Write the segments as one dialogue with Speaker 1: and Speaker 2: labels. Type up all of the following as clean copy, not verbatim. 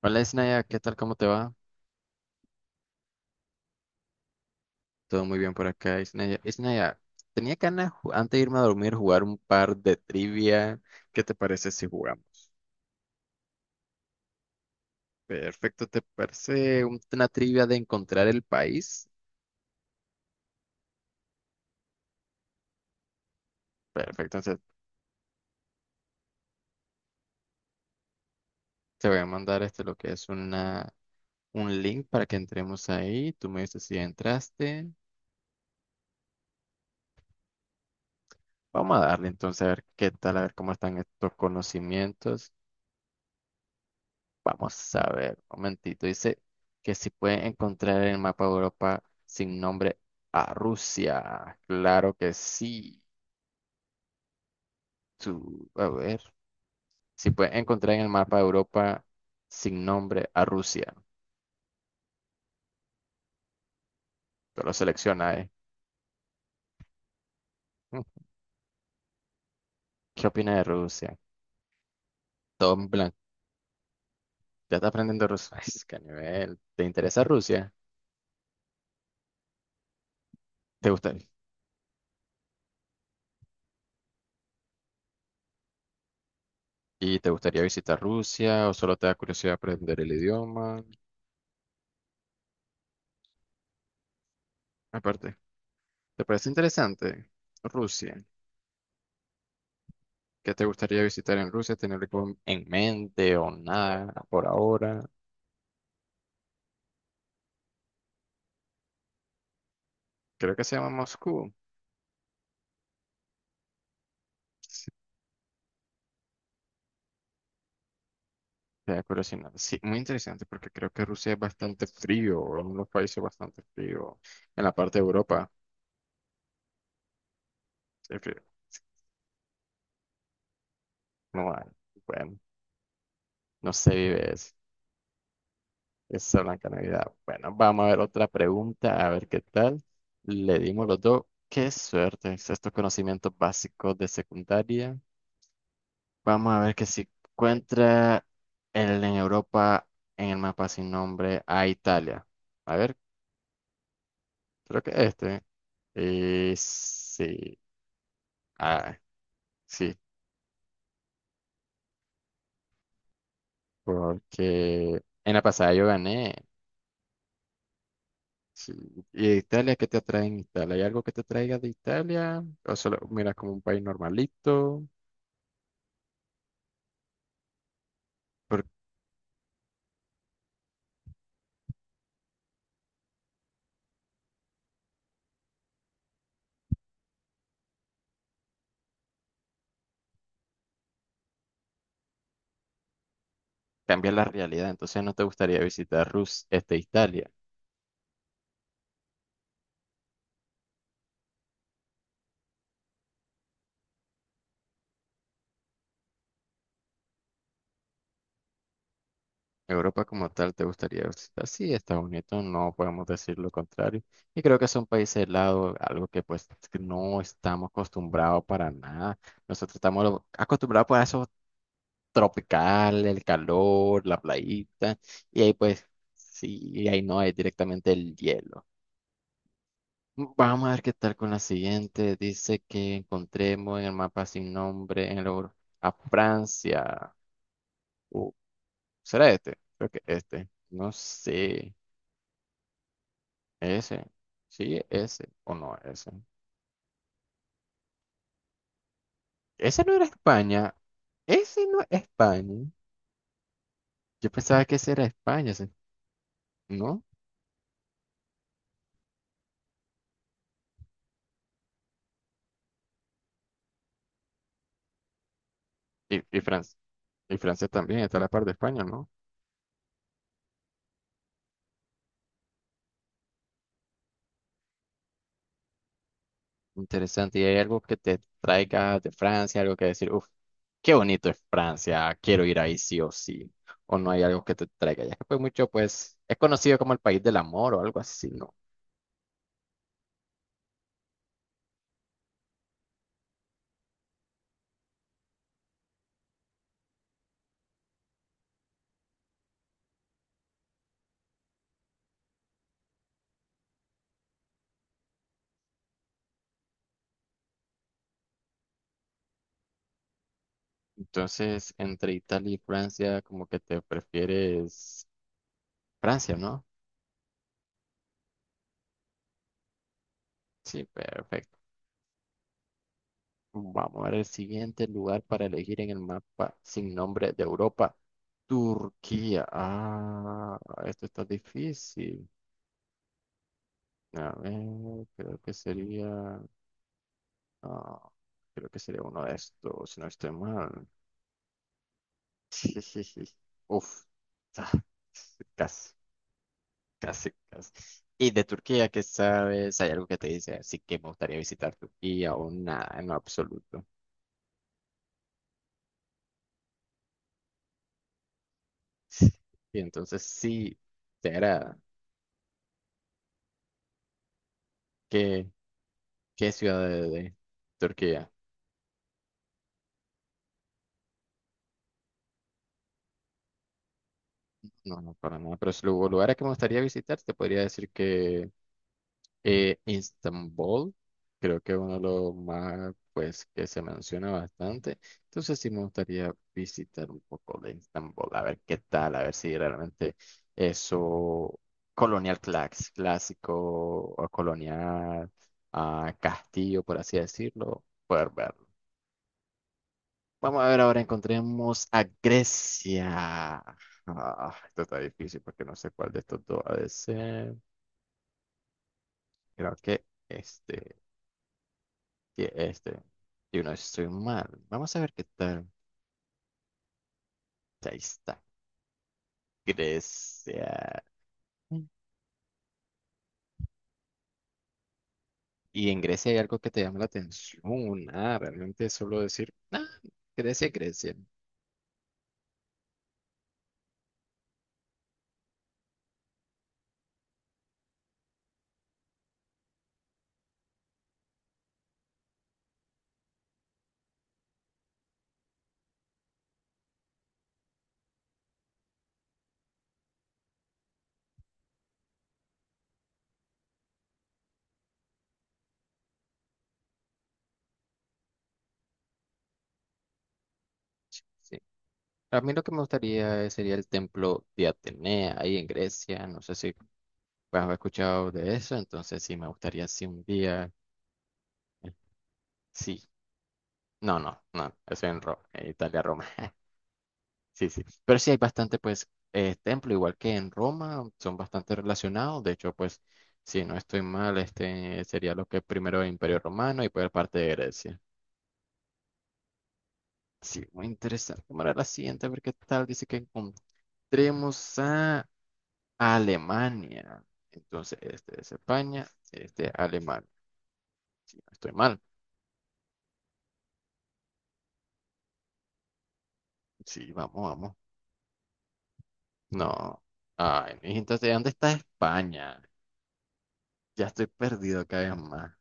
Speaker 1: Hola, Isnaya, ¿qué tal? ¿Cómo te va? Todo muy bien por acá, Isnaya. Isnaya, tenía ganas antes de irme a dormir jugar un par de trivia. ¿Qué te parece si jugamos? Perfecto, ¿te parece una trivia de encontrar el país? Perfecto, entonces te voy a mandar este lo que es una, un link para que entremos ahí. Tú me dices si entraste. Vamos a darle entonces a ver qué tal, a ver cómo están estos conocimientos. Vamos a ver, un momentito. Dice que si pueden encontrar en el mapa de Europa sin nombre a Rusia. Claro que sí. A ver. Si pueden encontrar en el mapa de Europa sin nombre a Rusia. Tú lo selecciona, ¿eh? Mm, ¿Qué opina de Rusia? Todo en blanco. Ya está aprendiendo ruso. Ay, es que a nivel. ¿Te interesa Rusia? ¿Te gusta? ¿Y te gustaría visitar Rusia o solo te da curiosidad aprender el idioma? Aparte, ¿te parece interesante Rusia? ¿Qué te gustaría visitar en Rusia? ¿Tener algo en mente o nada por ahora? Creo que se llama Moscú. Sí, queda curiosidad. Sí, muy interesante porque creo que Rusia es bastante frío, o uno de los países bastante frío. En la parte de Europa, sí, frío. No hay. Bueno, no se vive eso. Esa blanca Navidad. Bueno, vamos a ver otra pregunta, a ver qué tal. Le dimos los dos. Qué suerte. Estos conocimientos básicos de secundaria. Vamos a ver que si encuentra el en Europa en el mapa sin nombre a Italia. A ver, creo que este. Sí. Ah, sí. Porque en la pasada yo gané. Sí. ¿Y de Italia qué te atrae en Italia? ¿Hay algo que te traiga de Italia? ¿O solo miras como un país normalito? Porque cambia la realidad. Entonces no te gustaría visitar Rus, este, Italia. Europa como tal te gustaría visitar. Sí, Estados Unidos, no podemos decir lo contrario. Y creo que es un país helado, algo que pues que no estamos acostumbrados para nada. Nosotros estamos acostumbrados pues, a eso tropical, el calor, la playita. Y ahí pues, sí, y ahí no hay directamente el hielo. Vamos a ver qué tal con la siguiente. Dice que encontremos en el mapa sin nombre en el, a Francia. Uh, ¿Será este? Creo que este. No sé. Ese, sí, ese, o no, ese. Ese no era España. Ese no es España. Yo pensaba que ese era España, ese, ¿no? Y Francia. Y Francia también está a la par de España, ¿no? Interesante. ¿Y hay algo que te traiga de Francia? Algo que decir, uff, qué bonito es Francia, quiero ir ahí sí o sí. O no hay algo que te traiga. Ya que pues mucho, pues, es conocido como el país del amor o algo así, ¿no? Entonces, entre Italia y Francia, como que te prefieres Francia, ¿no? Sí, perfecto. Vamos a ver el siguiente lugar para elegir en el mapa sin nombre de Europa. Turquía. Ah, esto está difícil. A ver, creo que sería. ah, creo que sería uno de estos, si no estoy mal. Uf. ah, Casi, casi, casi. ¿Y de Turquía qué sabes? ¿Hay algo que te dice? Así que me gustaría visitar Turquía o nada, en lo absoluto. Y entonces sí, será que. ¿Qué ciudad de Turquía? No, no, para nada. Pero si lugares que me gustaría visitar, te podría decir que Estambul, creo que es uno de los más, pues, que se menciona bastante. Entonces sí me gustaría visitar un poco de Estambul, a ver qué tal, a ver si realmente eso colonial clásico o colonial castillo, por así decirlo, poder verlo. Vamos a ver, ahora encontremos a Grecia. Ah, esto está difícil porque no sé cuál de estos dos ha de ser. Creo que este, que este. Yo no estoy mal. Vamos a ver qué tal. Ahí está. Grecia. Mm. Y en Grecia hay algo que te llama la atención. Ah, realmente es solo decir, ah, Grecia, Grecia. Sí. Sí. A mí lo que sería el templo de Atenea ahí en Grecia. No sé si pues he escuchado de eso, entonces sí, me gustaría si un día, eh, sí, no, no, no, eso en Roma, en Italia, Roma, sí, sí, pero sí hay bastante, pues, templo, igual que en Roma, son bastante relacionados, de hecho, pues, si no estoy mal, este sería lo que primero el Imperio Romano y pues parte de Grecia. Sí, muy interesante, vamos la siguiente, a ver qué tal, dice que encontremos a Alemania, entonces, este es España, este Alemania, si no estoy mal, sí, vamos, vamos. No. Ay, entonces, ¿dónde está España? Ya estoy perdido cada vez más.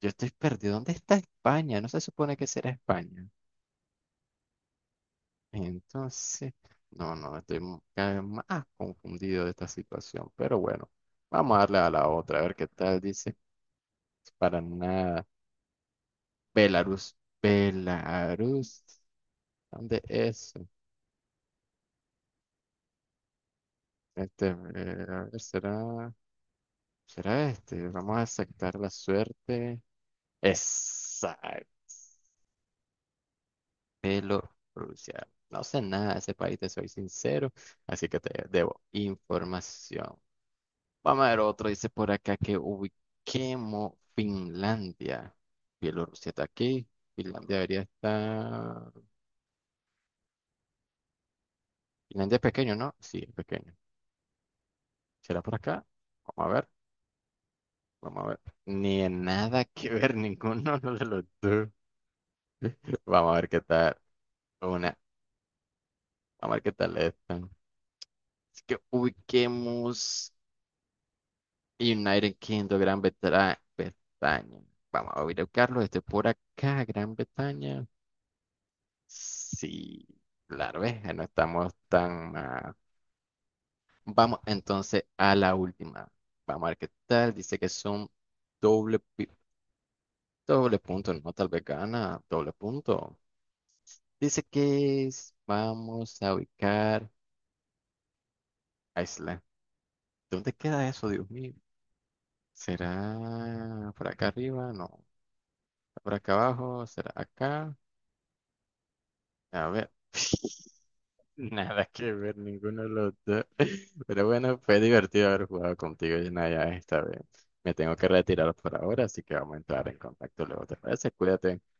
Speaker 1: Yo estoy perdido. ¿Dónde está España? No se supone que será España. Entonces, no, no, cada vez más confundido de esta situación. Pero bueno, vamos a darle a la otra, a ver qué tal dice. Para nada. Belarus. Belarus. ¿Dónde es? Este, a ver, será, será este. Vamos a aceptar la suerte. Exacto. Bielorrusia. No sé nada de ese país, te soy sincero, así que te debo información. Vamos a ver otro, dice por acá que ubiquemos Finlandia. Bielorrusia está aquí, Finlandia debería estar... Finlandia es pequeño, ¿no? Sí, es pequeño. ¿Será por acá? Vamos a ver, vamos a ver. Ni en nada que ver ninguno de los dos. Vamos a ver qué tal una, vamos a ver qué tal están. Así que ubiquemos... United Kingdom, Gran Bretaña. Bretaña. Vamos a ir a buscarlo. Este por acá, Gran Bretaña. Sí, claro, ves, no estamos tan mal. Vamos entonces a la última. Vamos a ver qué tal. Dice que son doble, doble punto, no tal vez gana, doble punto. Dice que vamos a ubicar a Isla. ¿Dónde queda eso, Dios mío? ¿Será por acá arriba? No. ¿Por acá abajo? ¿Será acá? A ver. Nada que ver, ninguno de los dos. Pero bueno, fue divertido haber jugado contigo, Yanaya, esta vez. Me tengo que retirar por ahora, así que vamos a entrar en contacto luego. ¿Te parece? Cuídate.